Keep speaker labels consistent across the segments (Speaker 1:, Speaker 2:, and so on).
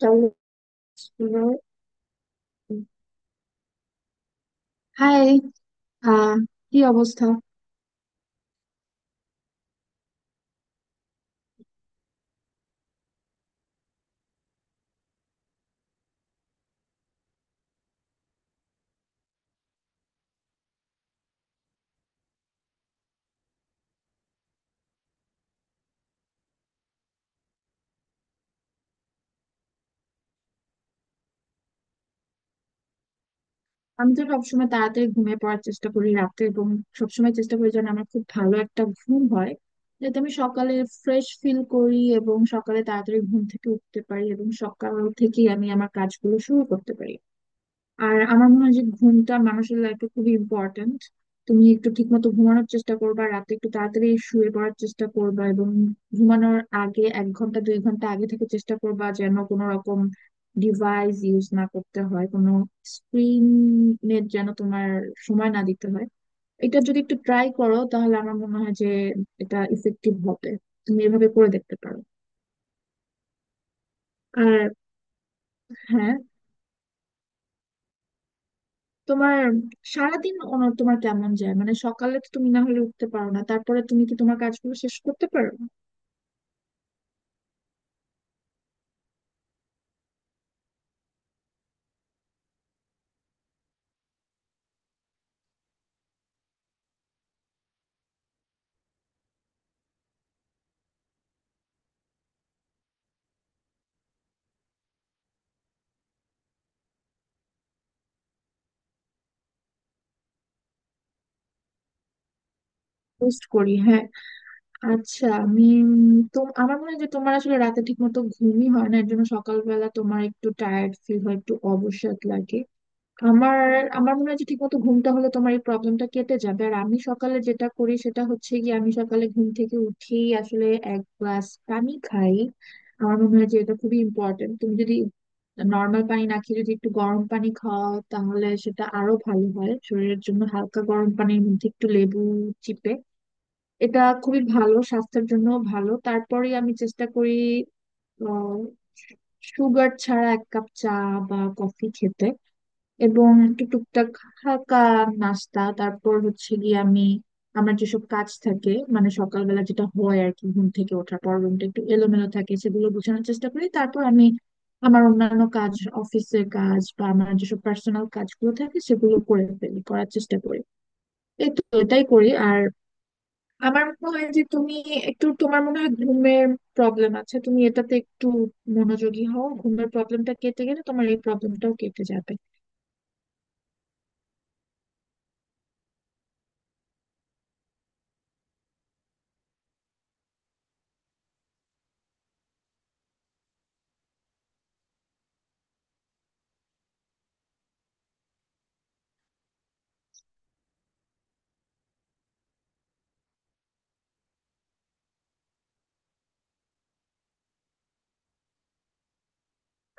Speaker 1: কেমন আছো তুমি? হাই। আহ কি অবস্থা? আমি তো সবসময় তাড়াতাড়ি ঘুমিয়ে পড়ার চেষ্টা করি রাতে, এবং সবসময় চেষ্টা করি যেন আমার খুব ভালো একটা ঘুম হয়, যাতে আমি সকালে ফ্রেশ ফিল করি এবং সকালে তাড়াতাড়ি ঘুম থেকে উঠতে পারি এবং সকাল থেকেই আমি আমার কাজগুলো শুরু করতে পারি। আর আমার মনে হয় যে ঘুমটা মানুষের লাইফে খুবই ইম্পর্ট্যান্ট। তুমি একটু ঠিক মতো ঘুমানোর চেষ্টা করবা রাতে, একটু তাড়াতাড়ি শুয়ে পড়ার চেষ্টা করবা, এবং ঘুমানোর আগে এক ঘন্টা দুই ঘন্টা আগে থেকে চেষ্টা করবা যেন কোনো রকম ডিভাইস ইউজ না করতে হয়, কোনো স্ক্রিনের যেন তোমার সময় না দিতে হয়। এটা যদি একটু ট্রাই করো তাহলে আমার মনে হয় যে এটা ইফেক্টিভ হবে। তুমি এভাবে করে দেখতে পারো। আর হ্যাঁ, তোমার সারাদিন তোমার কেমন যায়, মানে সকালে তো তুমি না হলে উঠতে পারো না, তারপরে তুমি কি তোমার কাজগুলো শেষ করতে পারো? পোস্ট করি, হ্যাঁ। আচ্ছা আমি, উম, তো আমার মনে হয় যে তোমার আসলে রাতে ঠিক মতো ঘুমই হয় না, এর জন্য সকালবেলা তোমার একটু টায়ার্ড ফিল হয়, একটু অবসাদ লাগে। আমার আমার মনে হয় যে ঠিকমতো ঘুমটা হলে তোমার এই প্রবলেমটা কেটে যাবে। আর আমি সকালে যেটা করি সেটা হচ্ছে কি, আমি সকালে ঘুম থেকে উঠেই আসলে এক গ্লাস পানি খাই। আমার মনে হয় যে এটা খুবই ইম্পর্টেন্ট। তুমি যদি নর্মাল পানি না খেয়ে যদি একটু গরম পানি খাও তাহলে সেটা আরো ভালো হয় শরীরের জন্য। হালকা গরম পানির মধ্যে একটু লেবু চিপে এটা খুবই ভালো স্বাস্থ্যের জন্য ভালো। তারপরে আমি চেষ্টা করি আহ, সুগার ছাড়া এক কাপ চা বা কফি খেতে, এবং একটু টুকটাক হালকা নাস্তা। তারপর হচ্ছে গিয়ে আমি আমার যেসব কাজ থাকে, মানে সকালবেলা যেটা হয় আর কি, ঘুম থেকে ওঠার পর রুমটা একটু এলোমেলো থাকে সেগুলো গোছানোর চেষ্টা করি, তারপর আমি আমার অন্যান্য কাজ, অফিসের কাজ বা আমার যেসব পার্সোনাল কাজগুলো থাকে সেগুলো করে ফেলি, করার চেষ্টা করি। এই তো, এটাই করি। আর আমার মনে হয় যে তুমি একটু, তোমার মনে হয় ঘুমের প্রবলেম আছে, তুমি এটাতে একটু মনোযোগী হও, ঘুমের প্রবলেমটা কেটে গেলে তোমার এই প্রবলেমটাও কেটে যাবে।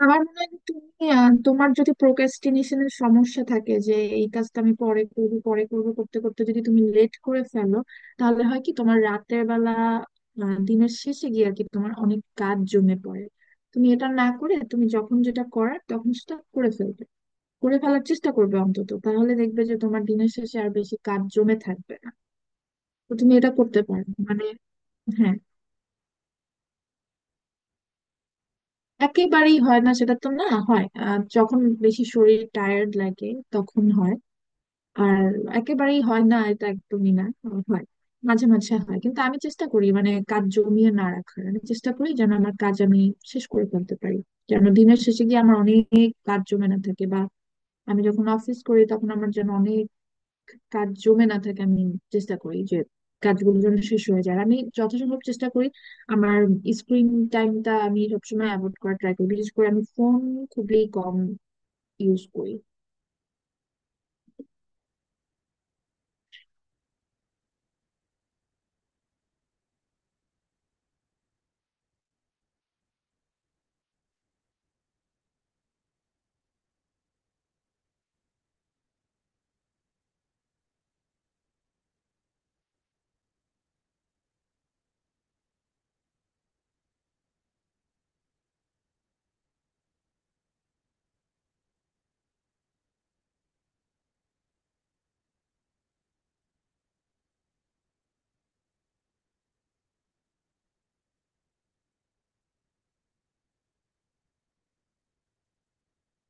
Speaker 1: আমার মনে হয় যে তুমি, তোমার যদি প্রোক্রাস্টিনেশনের সমস্যা থাকে, যে এই কাজটা আমি পরে করবো পরে করবো করতে করতে যদি তুমি লেট করে ফেলো, তাহলে হয় কি তোমার রাতের বেলা, দিনের শেষে গিয়ে আর কি তোমার অনেক কাজ জমে পড়ে। তুমি এটা না করে, তুমি যখন যেটা করার তখন সেটা করে ফেলবে, করে ফেলার চেষ্টা করবে অন্তত, তাহলে দেখবে যে তোমার দিনের শেষে আর বেশি কাজ জমে থাকবে না। তো তুমি এটা করতে পারো, মানে। হ্যাঁ, একেবারেই হয় না সেটা তো না, হয় যখন বেশি শরীর টায়ার্ড লাগে তখন হয়। আর, একেবারেই হয় না এটা একদমই না, হয় মাঝে মাঝে হয়, কিন্তু আমি চেষ্টা করি মানে কাজ জমিয়ে না রাখার, আমি চেষ্টা করি যেন আমার কাজ আমি শেষ করে ফেলতে পারি, যেন দিনের শেষে গিয়ে আমার অনেক কাজ জমে না থাকে, বা আমি যখন অফিস করি তখন আমার যেন অনেক কাজ জমে না থাকে। আমি চেষ্টা করি যে কাজগুলো যেন শেষ হয়ে যায়। আর আমি যথাসম্ভব চেষ্টা করি আমার স্ক্রিন টাইমটা আমি সবসময় অ্যাভয়েড করার ট্রাই করি, বিশেষ করে আমি ফোন খুবই কম ইউজ করি।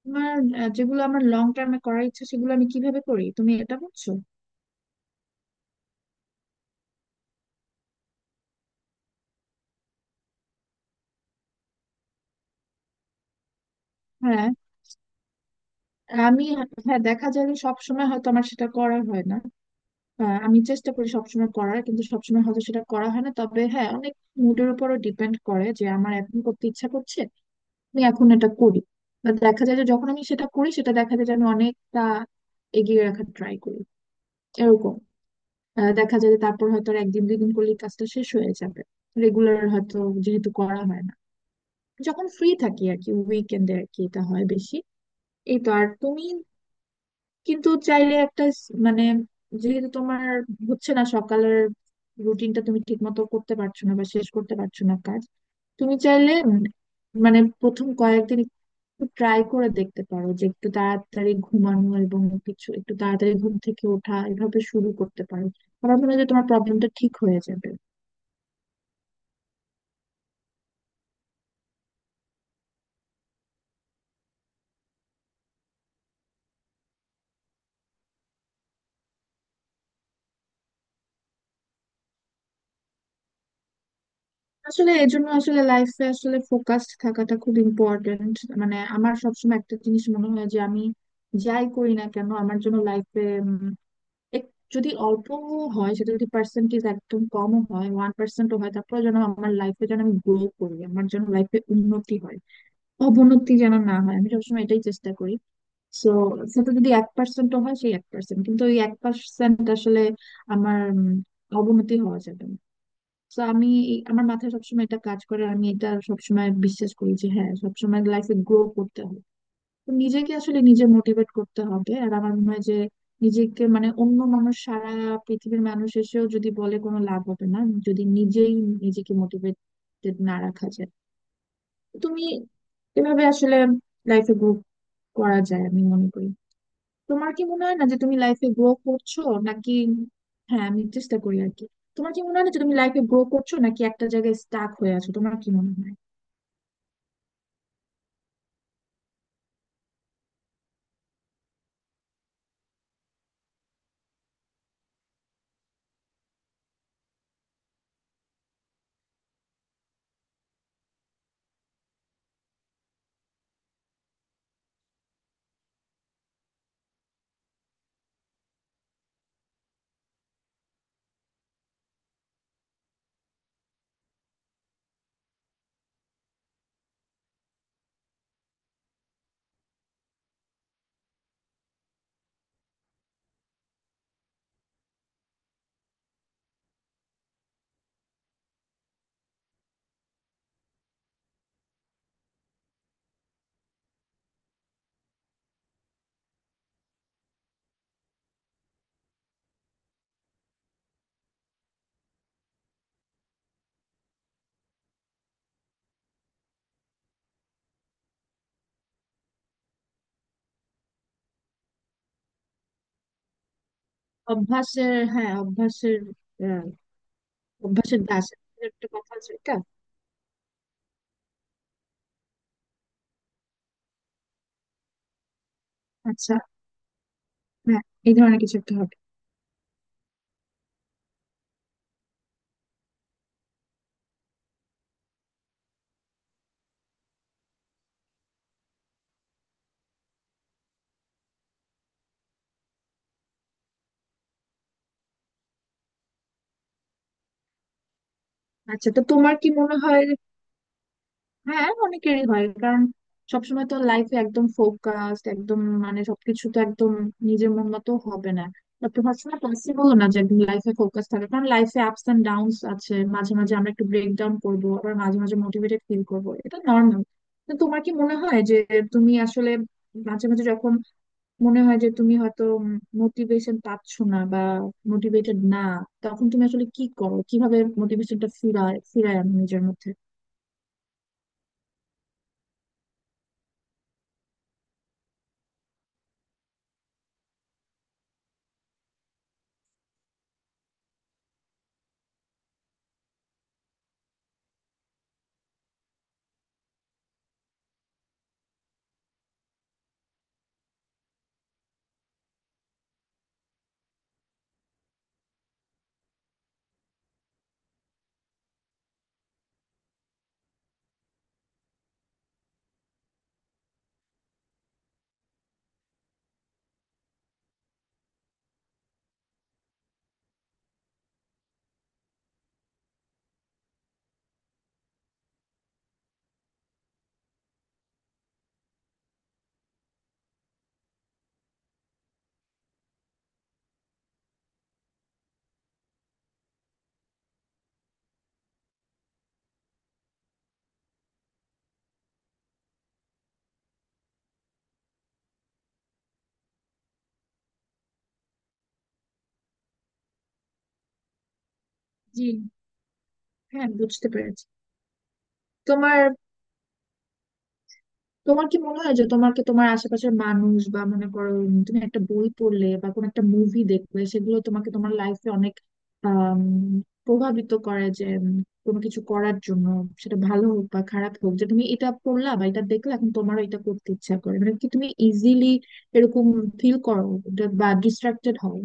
Speaker 1: আমার যেগুলো আমার লং টার্মে করার ইচ্ছা সেগুলো আমি কিভাবে করি, তুমি এটা বলছো? হ্যাঁ, আমি, হ্যাঁ দেখা যায় যে সবসময় হয়তো আমার সেটা করা হয় না। আমি চেষ্টা করি সবসময় করার, কিন্তু সবসময় হয়তো সেটা করা হয় না। তবে হ্যাঁ, অনেক মুডের উপরও ডিপেন্ড করে, যে আমার এখন করতে ইচ্ছা করছে আমি এখন এটা করি। বা দেখা যায় যে যখন আমি সেটা করি, সেটা দেখা যায় যে আমি অনেকটা এগিয়ে রাখার ট্রাই করি, এরকম। দেখা যায় যে তারপর হয়তো আর একদিন দুই দিন করলে কাজটা শেষ হয়ে যাবে। রেগুলার হয়তো যেহেতু করা হয় না, যখন ফ্রি থাকি আর কি, উইকেন্ডে আর কি এটা হয় বেশি। এই তো। আর তুমি কিন্তু চাইলে একটা মানে যেহেতু তোমার হচ্ছে না, সকালের রুটিনটা তুমি ঠিক মতো করতে পারছো না বা শেষ করতে পারছো না কাজ, তুমি চাইলে মানে প্রথম কয়েকদিন একটু ট্রাই করে দেখতে পারো যে একটু তাড়াতাড়ি ঘুমানো এবং কিছু একটু তাড়াতাড়ি ঘুম থেকে ওঠা, এভাবে শুরু করতে পারো। আমার মনে হয় যে তোমার প্রবলেমটা ঠিক হয়ে যাবে। আসলে এর জন্য আসলে লাইফে আসলে ফোকাসড থাকাটা খুব ইম্পর্টেন্ট। মানে আমার সবসময় একটা জিনিস মনে হয় যে আমি যাই করি না কেন, আমার জন্য লাইফে যদি অল্প হয় সেটা, যদি পার্সেন্টেজ একদম কমও হয়, ওয়ান পার্সেন্টও হয়, তারপরে যেন আমার লাইফে, যেন আমি গ্রো করি, আমার যেন লাইফে উন্নতি হয়, অবনতি যেন না হয়, আমি সবসময় এটাই চেষ্টা করি। সো, সেটা যদি এক পার্সেন্টও হয় সেই এক পার্সেন্ট, কিন্তু ওই এক পার্সেন্ট আসলে আমার অবনতি হওয়া যাবে না। তো আমি আমার মাথায় সবসময় এটা কাজ করে, আর আমি এটা সবসময় বিশ্বাস করি যে হ্যাঁ, সবসময় লাইফে গ্রো করতে হবে। তো নিজেকে আসলে নিজে মোটিভেট করতে হবে। আর আমার মনে হয় যে নিজেকে, মানে অন্য মানুষ, সারা পৃথিবীর মানুষ এসেও যদি বলে কোনো লাভ হবে না, যদি নিজেই নিজেকে মোটিভেটেড না রাখা যায়। তো তুমি এভাবে আসলে লাইফে গ্রো করা যায় আমি মনে করি। তোমার কি মনে হয় না যে তুমি লাইফে গ্রো করছো, নাকি? হ্যাঁ, আমি চেষ্টা করি আর কি। তোমার কি মনে হয় না যে তুমি লাইফে গ্রো করছো, নাকি একটা জায়গায় স্টাক হয়ে আছো, তোমার কি মনে হয়? অভ্যাসের, হ্যাঁ অভ্যাসের। আহ, অভ্যাসের দাস, একটা কথা আছে এটা। আচ্ছা। হ্যাঁ, এই ধরনের কিছু একটা হবে। আচ্ছা, তো তোমার কি মনে হয়, হ্যাঁ অনেকেরই হয় কারণ সবসময় তো লাইফে একদম ফোকাসড একদম, মানে সবকিছু তো একদম নিজের মন মতো হবে না, বা তোমার সময় পসিবল না যে একদম লাইফে ফোকাস থাকে, কারণ লাইফে আপস এন্ড ডাউনস আছে। মাঝে মাঝে আমরা একটু ব্রেক ডাউন করবো, আবার মাঝে মাঝে মোটিভেটেড ফিল করবো, এটা নর্মাল। তো তোমার কি মনে হয় যে তুমি আসলে মাঝে মাঝে যখন মনে হয় যে তুমি হয়তো মোটিভেশন পাচ্ছ না বা মোটিভেটেড না, তখন তুমি আসলে কি করো, কিভাবে মোটিভেশনটা ফিরায় ফিরায় আনো নিজের মধ্যে? জি। হ্যাঁ, বুঝতে পেরেছি। তোমার তোমার কি মনে হয় যে তোমাকে তোমার আশেপাশের মানুষ, বা মনে করো তুমি একটা বই পড়লে বা কোনো একটা মুভি দেখলে, সেগুলো তোমাকে তোমার লাইফে অনেক আম, প্রভাবিত করে যে কোনো কিছু করার জন্য, সেটা ভালো হোক বা খারাপ হোক, যে তুমি এটা পড়লা বা এটা দেখলে এখন তোমারও এটা করতে ইচ্ছা করে, মানে কি তুমি ইজিলি এরকম ফিল করো বা ডিস্ট্রাক্টেড হও?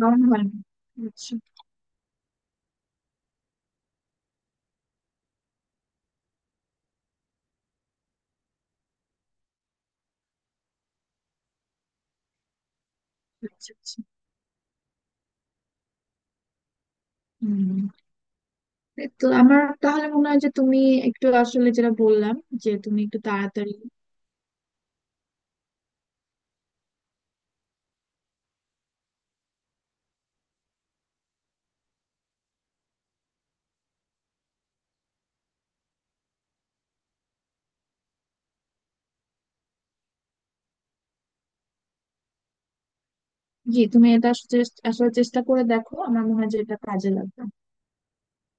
Speaker 1: মনে হয় না। আচ্ছা, আচ্ছা। আচ্ছা, হম। তো আমার তাহলে মনে হয় যে তুমি একটু আসলে যেটা বললাম, যে তুমি একটু তাড়াতাড়ি। জি, তুমি এটা আসলে আসলে চেষ্টা করে দেখো, আমার মনে হয় যে এটা কাজে লাগবে।